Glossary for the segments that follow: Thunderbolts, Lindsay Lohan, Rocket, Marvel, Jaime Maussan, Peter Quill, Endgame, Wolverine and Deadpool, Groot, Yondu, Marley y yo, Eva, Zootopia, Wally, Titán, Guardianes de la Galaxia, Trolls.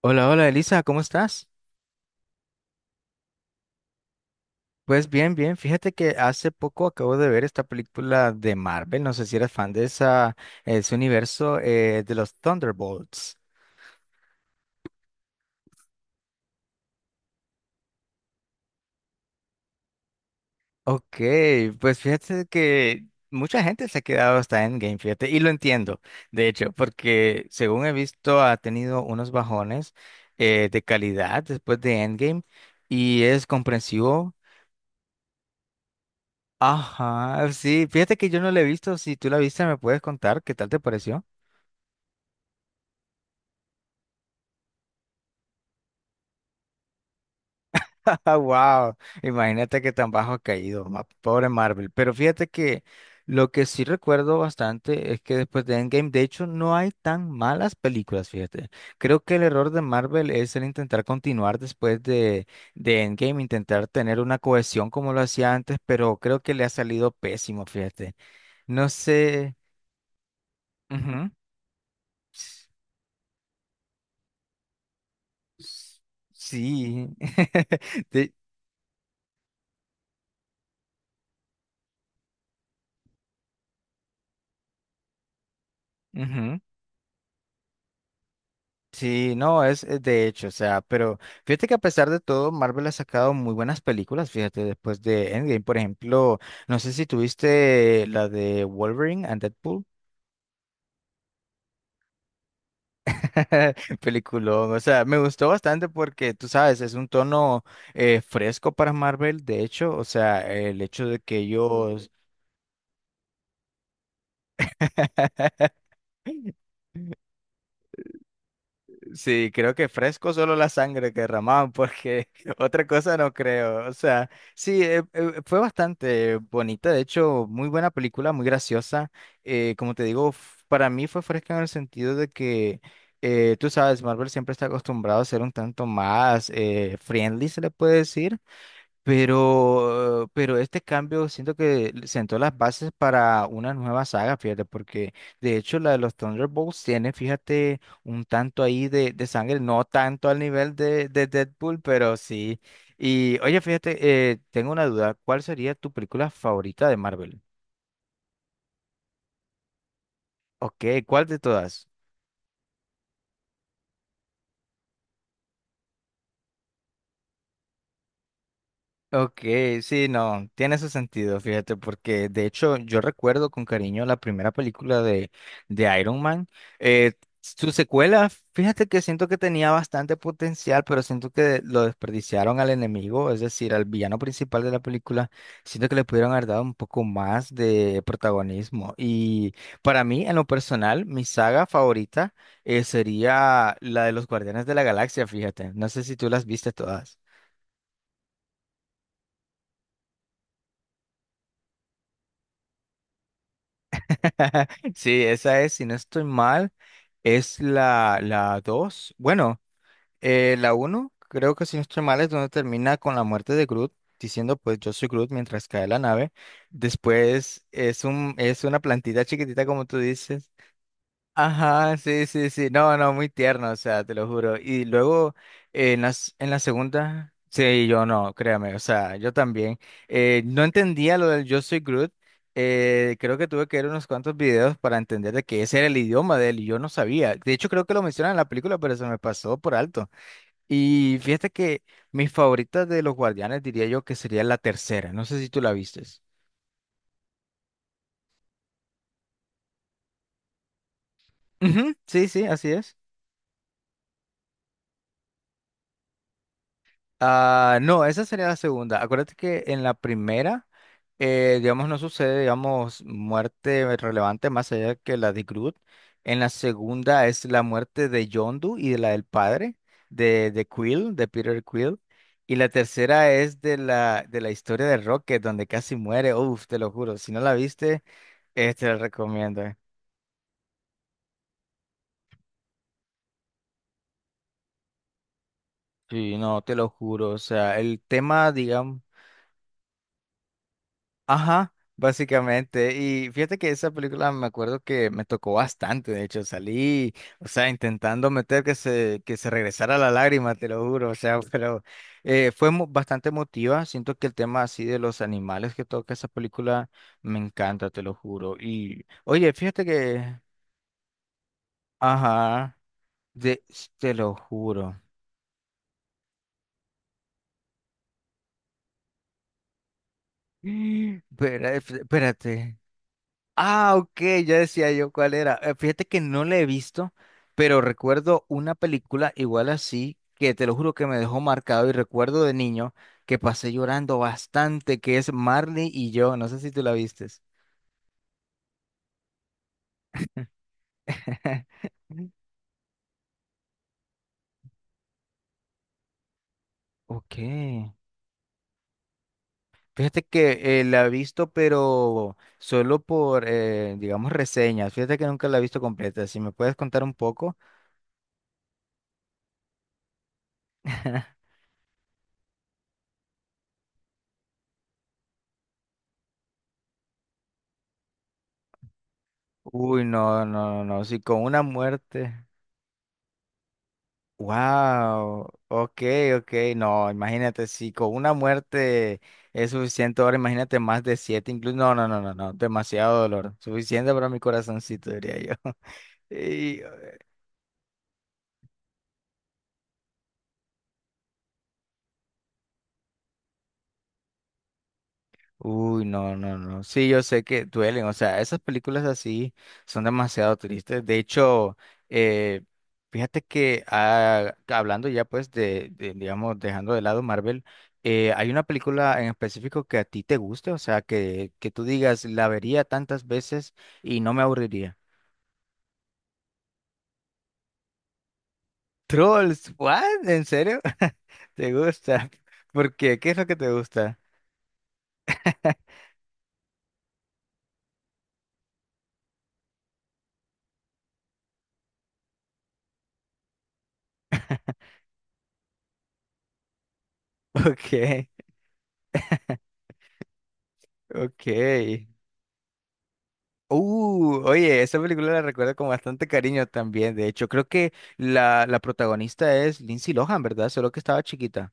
Hola, hola Elisa, ¿cómo estás? Pues bien, bien. Fíjate que hace poco acabo de ver esta película de Marvel. No sé si eres fan de ese universo de los Thunderbolts. Ok, pues fíjate que mucha gente se ha quedado hasta Endgame, fíjate, y lo entiendo, de hecho, porque según he visto ha tenido unos bajones de calidad después de Endgame y es comprensivo. Ajá, sí, fíjate que yo no lo he visto. Si tú la viste, me puedes contar qué tal te pareció. Ah, wow. Imagínate que tan bajo ha caído, pobre Marvel. Pero fíjate que lo que sí recuerdo bastante es que después de Endgame, de hecho, no hay tan malas películas, fíjate. Creo que el error de Marvel es el intentar continuar de Endgame, intentar tener una cohesión como lo hacía antes, pero creo que le ha salido pésimo, fíjate. No sé. Ujú. S- s- Sí. De... Ujú. Sí, no, es de hecho, o sea, pero fíjate que a pesar de todo, Marvel ha sacado muy buenas películas, fíjate, después de Endgame, por ejemplo, no sé si tuviste la de Wolverine and Deadpool, peliculón, o sea, me gustó bastante porque, tú sabes, es un tono fresco para Marvel, de hecho, o sea, el hecho de que ellos... Sí, creo que fresco solo la sangre que derramaban, porque otra cosa no creo. O sea, sí, fue bastante bonita, de hecho, muy buena película, muy graciosa. Como te digo, para mí fue fresca en el sentido de que, tú sabes, Marvel siempre está acostumbrado a ser un tanto más friendly, se le puede decir. Pero este cambio siento que sentó las bases para una nueva saga, fíjate, porque de hecho la de los Thunderbolts tiene, fíjate, un tanto ahí de sangre, no tanto al nivel de Deadpool, pero sí. Y oye, fíjate, tengo una duda, ¿cuál sería tu película favorita de Marvel? Ok, ¿cuál de todas? Ok, sí, no, tiene su sentido, fíjate, porque de hecho yo recuerdo con cariño la primera película de Iron Man. Eh, su secuela, fíjate que siento que tenía bastante potencial, pero siento que lo desperdiciaron al enemigo, es decir, al villano principal de la película. Siento que le pudieron haber dado un poco más de protagonismo. Y para mí, en lo personal, mi saga favorita sería la de los Guardianes de la Galaxia, fíjate. No sé si tú las viste todas. Sí, esa es, si no estoy mal, es la 2. Bueno, la uno. Creo que si no estoy mal, es donde termina con la muerte de Groot, diciendo pues yo soy Groot mientras cae la nave. Después es una plantita chiquitita, como tú dices. Ajá, sí, sí, sí. No, no, muy tierno, o sea, te lo juro. Y luego en la segunda, sí, yo no, créame, o sea, yo también. No entendía lo del Yo soy Groot. Creo que tuve que ver unos cuantos videos para entender de que ese era el idioma de él y yo no sabía. De hecho, creo que lo mencionan en la película, pero se me pasó por alto. Y fíjate que mis favoritas de los Guardianes diría yo que sería la tercera. No sé si tú la vistes. Ujú, sí, sí, así es. Ah, no, esa sería la segunda. Acuérdate que en la primera, digamos, no sucede, digamos, muerte relevante más allá que la de Groot. En la segunda es la muerte de Yondu y de la del padre, de Quill, de Peter Quill. Y la tercera es de la historia de Rocket, donde casi muere. Uf, te lo juro, si no la viste, te la recomiendo. Sí, no, te lo juro. O sea, el tema, digamos. Ajá, básicamente. Y fíjate que esa película me acuerdo que me tocó bastante, de hecho, salí, o sea, intentando meter que se regresara la lágrima, te lo juro, o sea, pero fue bastante emotiva. Siento que el tema así de los animales que toca esa película me encanta, te lo juro. Y, oye, fíjate que, ajá, de, te lo juro. Espérate. Ah, ok, ya decía yo cuál era. Fíjate que no la he visto, pero recuerdo una película igual así, que te lo juro que me dejó marcado y recuerdo de niño que pasé llorando bastante, que es Marley y yo. No sé si tú la vistes. Ok. Fíjate que la he visto, pero solo por, digamos, reseñas. Fíjate que nunca la he visto completa. Si me puedes contar un poco. Uy, no, no, no, no. Si con una muerte. Wow, ok, ok, no, imagínate, si con una muerte es suficiente, ahora imagínate más de siete, incluso, no, no, no, no, no, demasiado dolor, suficiente para mi corazoncito, diría yo. Y, Uy, no, no, no. Sí, yo sé que duelen. O sea, esas películas así son demasiado tristes. De hecho, eh, fíjate que hablando ya pues digamos, dejando de lado Marvel, ¿hay una película en específico que a ti te guste? O sea, que tú digas, la vería tantas veces y no me aburriría. Trolls, ¿what? ¿En serio? ¿Te gusta? ¿Por qué? ¿Qué es lo que te gusta? Ok, ok. Oye, esa película la recuerdo con bastante cariño también. De hecho, creo que la protagonista es Lindsay Lohan, ¿verdad? Solo que estaba chiquita.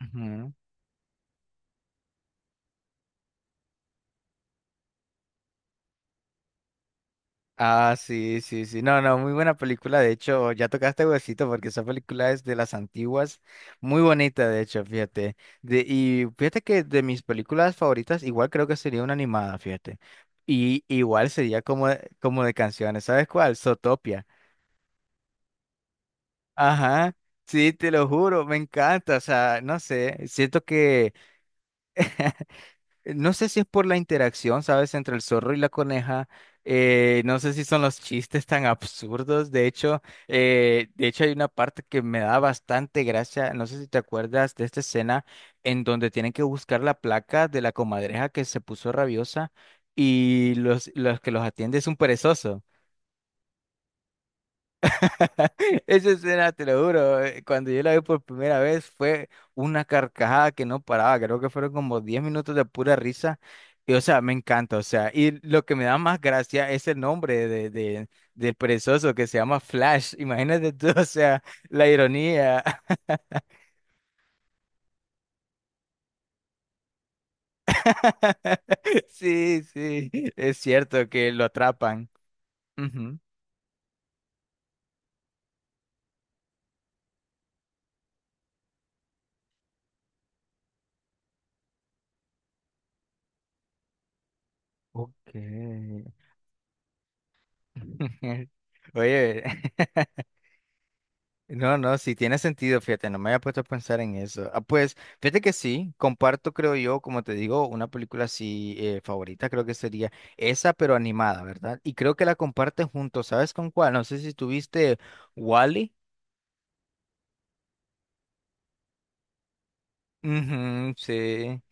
Ujú. Ah, sí, sí, sí. No, no, muy buena película. De hecho, ya tocaste huesito porque esa película es de las antiguas. Muy bonita, de hecho, fíjate. Y fíjate que de mis películas favoritas, igual creo que sería una animada, fíjate. Y igual sería como, como de canciones. ¿Sabes cuál? Zootopia. Ajá, sí, te lo juro, me encanta, o sea, no sé, siento que, no sé si es por la interacción, ¿sabes?, entre el zorro y la coneja, no sé si son los chistes tan absurdos, de hecho hay una parte que me da bastante gracia, no sé si te acuerdas de esta escena en donde tienen que buscar la placa de la comadreja que se puso rabiosa y los que los atiende es un perezoso. Esa escena, te lo juro, cuando yo la vi por primera vez fue una carcajada que no paraba, creo que fueron como 10 minutos de pura risa, y o sea, me encanta, o sea, y lo que me da más gracia es el nombre del perezoso que se llama Flash, imagínate tú, o sea, la ironía. Sí, sí, es cierto que lo atrapan. Ujú. Ok. Oye. No, no, sí tiene sentido, fíjate, no me había puesto a pensar en eso. Ah, pues, fíjate que sí, comparto, creo yo, como te digo, una película así favorita, creo que sería esa, pero animada, ¿verdad? Y creo que la comparten juntos, ¿sabes con cuál? No sé si tuviste Wally. Ujú, sí.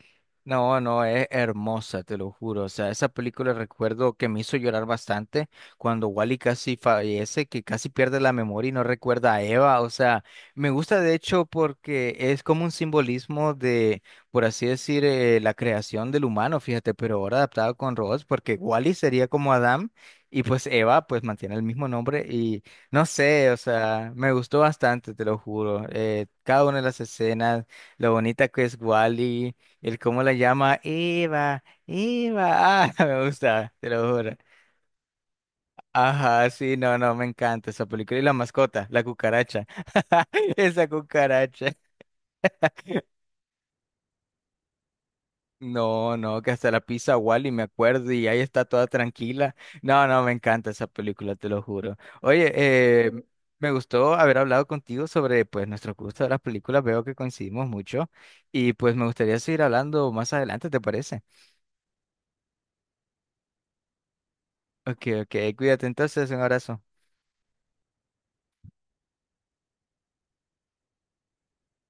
No, no, es hermosa, te lo juro. O sea, esa película recuerdo que me hizo llorar bastante cuando Wally casi fallece, que casi pierde la memoria y no recuerda a Eva. O sea, me gusta de hecho porque es como un simbolismo de, por así decir, la creación del humano, fíjate, pero ahora adaptado con robots, porque Wally sería como Adam y pues Eva pues mantiene el mismo nombre y no sé, o sea, me gustó bastante, te lo juro. Cada una de las escenas, lo bonita que es Wally. El cómo la llama Eva, Eva, ah, me gusta, te lo juro. Ajá, sí, no, no, me encanta esa película. Y la mascota, la cucaracha. Esa cucaracha. No, no, que hasta la pizza Wally, me acuerdo, y ahí está toda tranquila. No, no, me encanta esa película, te lo juro. Oye, eh, me gustó haber hablado contigo sobre, pues, nuestro gusto de las películas. Veo que coincidimos mucho y, pues, me gustaría seguir hablando más adelante, ¿te parece? Ok, ok, cuídate entonces, un abrazo.